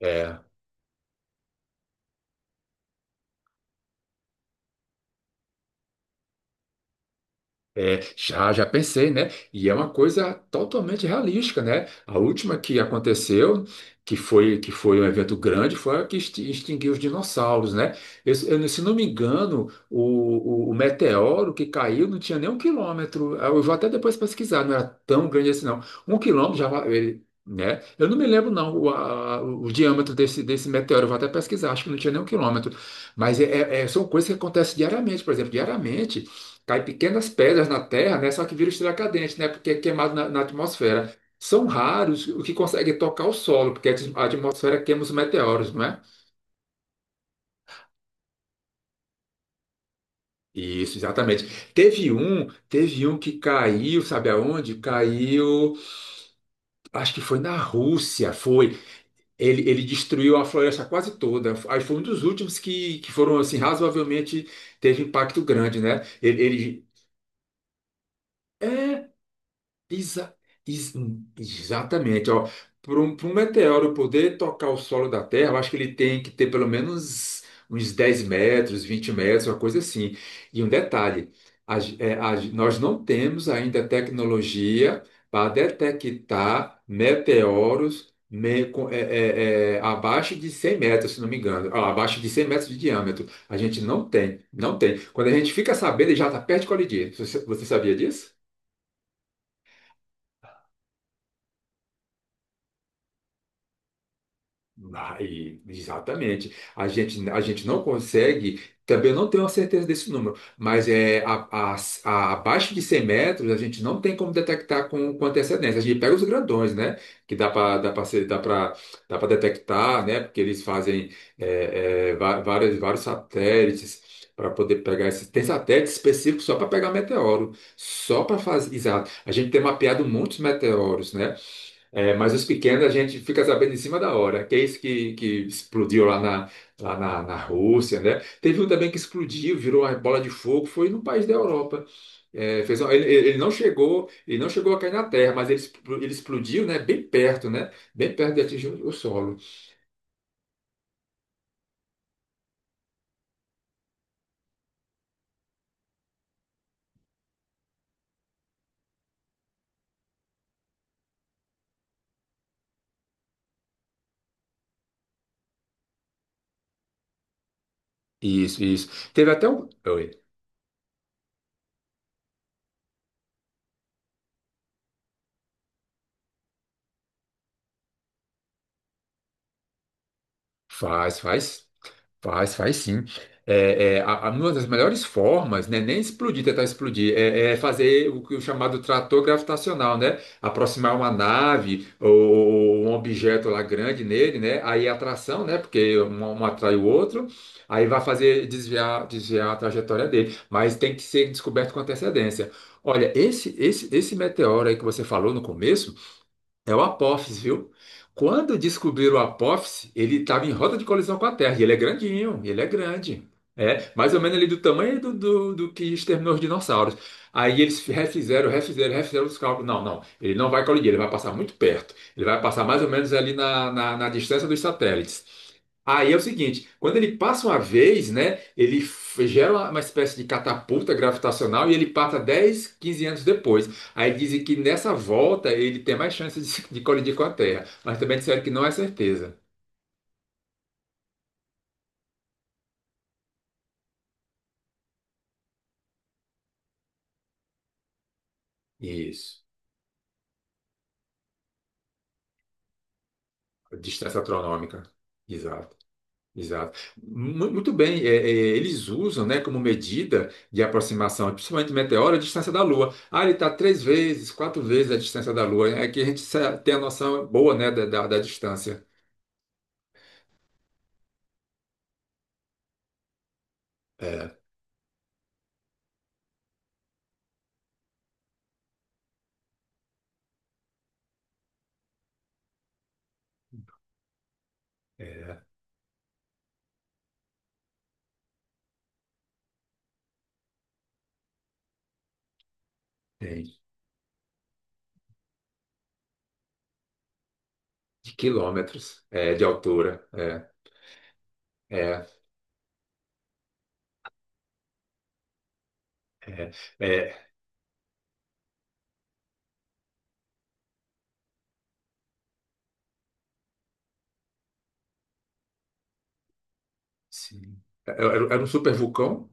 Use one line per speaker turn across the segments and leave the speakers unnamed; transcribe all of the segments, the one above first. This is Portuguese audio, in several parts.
É, é, já pensei, né? E é uma coisa totalmente realística, né? A última que aconteceu, que foi um evento grande, foi a que extinguiu os dinossauros, né? Eu, Se não me engano, o meteoro que caiu não tinha nem 1 quilômetro. Eu vou até depois pesquisar, não era tão grande assim, não. 1 quilômetro já, ele, né? Eu não me lembro, não, o diâmetro desse meteoro. Eu vou até pesquisar, acho que não tinha nem um quilômetro. Mas são coisas que acontecem diariamente, por exemplo, diariamente. Cai pequenas pedras na Terra, né? Só que vira estrela cadente, né? Porque é queimado na atmosfera. São raros o que consegue tocar o solo, porque a atmosfera queima os meteoros, não é? Isso, exatamente. Teve um que caiu, sabe aonde? Caiu, acho que foi na Rússia, foi. Ele destruiu a floresta quase toda. Aí foi um dos últimos que foram, assim, razoavelmente, teve impacto grande, né? É. Exa- ex- Exatamente, ó. Para um, pra um meteoro poder tocar o solo da Terra, eu acho que ele tem que ter pelo menos uns 10 metros, 20 metros, uma coisa assim. E um detalhe, a ge- é, a ge- nós não temos ainda tecnologia para detectar meteoros abaixo de 100 metros, se não me engano, ah, abaixo de 100 metros de diâmetro. A gente não tem, não tem. Quando a gente fica sabendo, ele já está perto de colidir. Você sabia disso? Aí, exatamente. A gente não consegue, também não tenho a certeza desse número, mas a- abaixo de 100 metros a gente não tem como detectar com antecedência. A gente pega os grandões, né? Que dá para dá para detectar, né? Porque eles fazem várias, vários satélites para poder pegar esses. Tem satélites específicos só para pegar meteoro, só para fazer. Exato. A gente tem mapeado muitos meteoros, né? É, mas os pequenos a gente fica sabendo em cima da hora, que é isso que explodiu lá na Rússia, né? Teve um também que explodiu, virou uma bola de fogo, foi num país da Europa. É, fez um- ele ele não chegou a cair na terra, mas ele explodiu, né? Bem perto, né? Bem perto de atingir o solo. Isso, isso. Teve até um. Oi. Faz, faz. Faz, faz sim. Uma das melhores formas, né, nem explodir, tentar explodir, é fazer o, que o chamado trator gravitacional, né? Aproximar uma nave ou um objeto lá grande nele, né? Aí a atração, né? Porque um atrai o outro, aí vai fazer desviar, a trajetória dele. Mas tem que ser descoberto com antecedência. Olha, esse meteoro aí que você falou no começo. É o Apófis, viu? Quando descobriram o Apófis, ele estava em rota de colisão com a Terra. E ele é grandinho, ele é grande. É, mais ou menos ali do tamanho do que exterminou os dinossauros. Aí eles refizeram os cálculos. Não, não, ele não vai colidir, ele vai passar muito perto. Ele vai passar mais ou menos ali na distância dos satélites. Aí é o seguinte, quando ele passa uma vez, né, gera uma espécie de catapulta gravitacional e ele passa 10, 15 anos depois. Aí dizem que nessa volta ele tem mais chance de colidir com a Terra, mas também disseram que não é certeza. Isso. Distância astronômica. Exato, exato. Muito bem, eles usam, né, como medida de aproximação, principalmente meteoro, a distância da Lua. Ah, ele está três vezes, quatro vezes a distância da Lua. É que tem a noção boa, né, da distância. É, é, tem. De quilômetros, de altura. É, é, é, é. Sim. Era um super vulcão?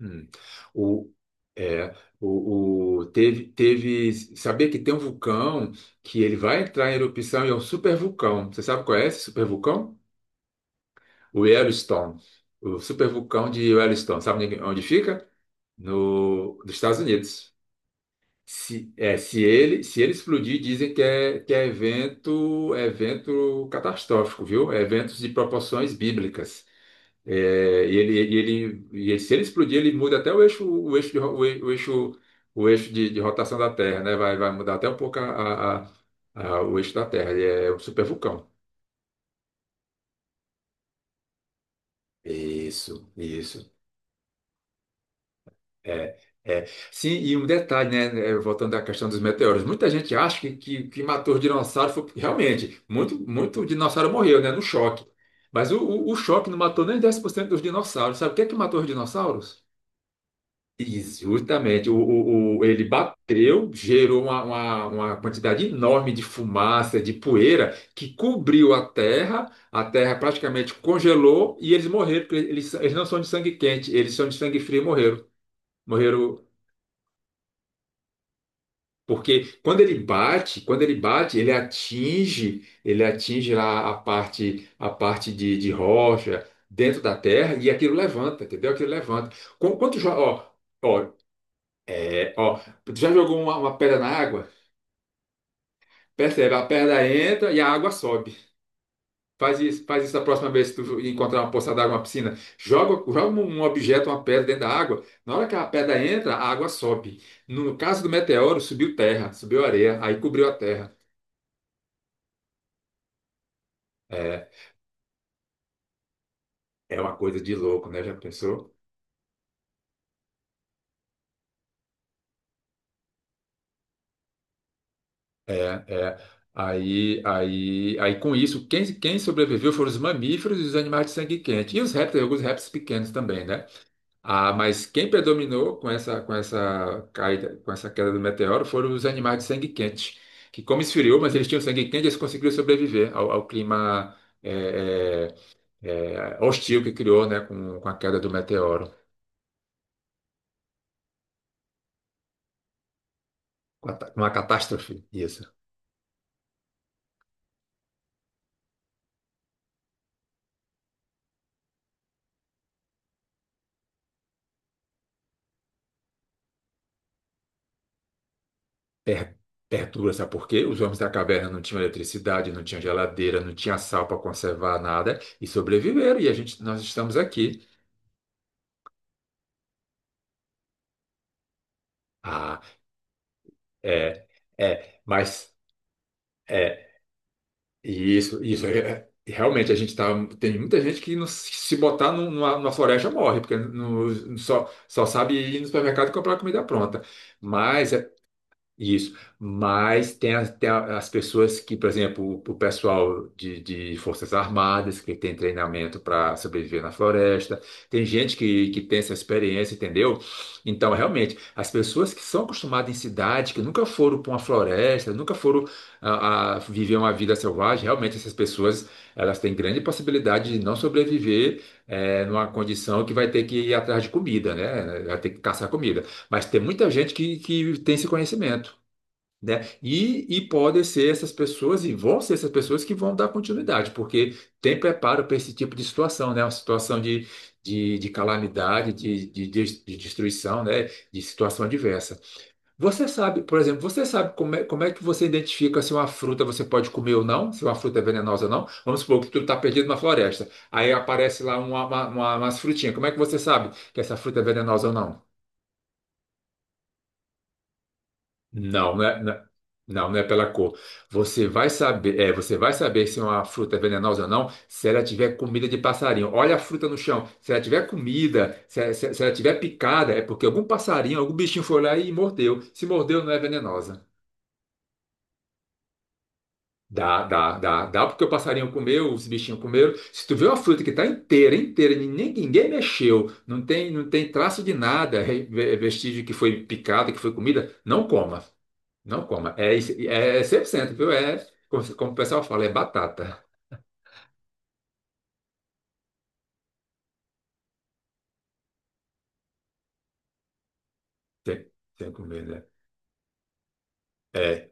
Hum. O, é, o- teve, teve, sabia que tem um vulcão que ele vai entrar em erupção e é um supervulcão. Você sabe qual é esse supervulcão? O Yellowstone. O supervulcão de Yellowstone. Sabe onde fica? No, Dos Estados Unidos. Se ele explodir, dizem que é, evento, é evento catastrófico, viu? É eventos de proporções bíblicas. É, Se ele explodir, ele muda até o eixo de, ro- o e- o eixo de rotação da Terra, né? Vai mudar até um pouco o eixo da Terra. Ele é um super vulcão. Isso, isso. É, é. Sim, e um detalhe, né? Voltando à questão dos meteoros, muita gente acha que matou os dinossauros. Foi, realmente, muito, muito dinossauro morreu, né? No choque. Mas o choque não matou nem 10% dos dinossauros. Sabe o que é que matou os dinossauros? E justamente, ele bateu, gerou uma quantidade enorme de fumaça, de poeira, que cobriu a terra praticamente congelou e eles morreram, porque eles não são de sangue quente, eles são de sangue frio e morreram. Morreram porque quando ele bate, ele atinge lá a parte de rocha dentro da terra e aquilo levanta, entendeu? Aquilo levanta. Qu- Quanto, jo- ó, ó, é, ó, tu já jogou uma pedra na água? Percebe? A perna entra e a água sobe. Faz isso da próxima vez que tu encontrar uma poça d'água, uma piscina. Joga um objeto, uma pedra dentro da água. Na hora que a pedra entra, a água sobe. No caso do meteoro, subiu terra, subiu areia, aí cobriu a terra. É, é uma coisa de louco, né? Já pensou? É, é. Aí com isso, quem sobreviveu foram os mamíferos e os animais de sangue quente. E os répteis, alguns répteis pequenos também, né? Ah, mas quem predominou com essa caída, com essa queda do meteoro foram os animais de sangue quente, que como esfriou, mas eles tinham sangue quente, eles conseguiram sobreviver ao clima eh, hostil que criou, né, com a queda do meteoro, com a catástrofe. Isso. per- Perturba, sabe por quê? Os homens da caverna não tinham eletricidade, não tinham geladeira, não tinha sal para conservar nada e sobreviveram. E a gente, nós estamos aqui. Ah, é, é, mas é isso realmente a gente tá. Tem muita gente que não se botar numa floresta morre, porque não, só sabe ir no supermercado e comprar comida pronta. Mas é Isso, mas tem, as tem a- as pessoas que, por exemplo, o pessoal de Forças Armadas, que tem treinamento para sobreviver na floresta, tem gente que tem essa experiência, entendeu? Então, realmente, as pessoas que são acostumadas em cidade, que nunca foram para uma floresta, nunca foram a viver uma vida selvagem, realmente essas pessoas elas têm grande possibilidade de não sobreviver numa condição que vai ter que ir atrás de comida, né? Vai ter que caçar comida. Mas tem muita gente que tem esse conhecimento, né? E podem ser essas pessoas, e vão ser essas pessoas que vão dar continuidade, porque tem preparo para esse tipo de situação, né? Uma situação de calamidade, de destruição, né? De situação adversa. Você sabe, por exemplo, você sabe como é que você identifica se uma fruta você pode comer ou não, se uma fruta é venenosa ou não? Vamos supor que tu está perdido na floresta, aí aparece lá umas frutinhas. Como é que você sabe que essa fruta é venenosa ou não? Não, não é, não, é, não, não é pela cor. Você vai saber se uma fruta é venenosa ou não se ela tiver comida de passarinho. Olha a fruta no chão. Se ela tiver comida, se ela tiver picada, é porque algum passarinho, algum bichinho foi lá e mordeu. Se mordeu, não é venenosa. Dá, dá, dá. Dá porque o passarinho comeu, os bichinhos comeram. Se tu vê uma fruta que está inteira, inteira, e ninguém mexeu, não tem traço de nada, vestígio que foi picada, que foi comida, não coma. Não coma. É 100%, viu? Como o pessoal fala, é batata. Tem, tem que comer, né? É,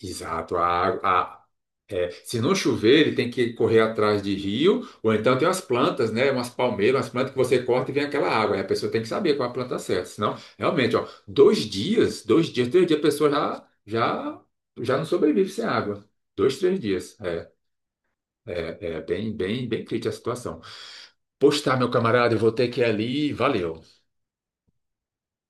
exato. A, água- a, é, Se não chover, ele tem que correr atrás de rio, ou então tem umas plantas, né? Umas palmeiras, umas plantas que você corta e vem aquela água. Aí a pessoa tem que saber qual é a planta certa. Senão, realmente, ó, 2 dias, 2 dias, 3 dias, a pessoa já não sobrevive sem água. 2, 3 dias. É bem, bem, bem crítica a situação. Pois tá, meu camarada, eu vou ter que ir ali. Valeu.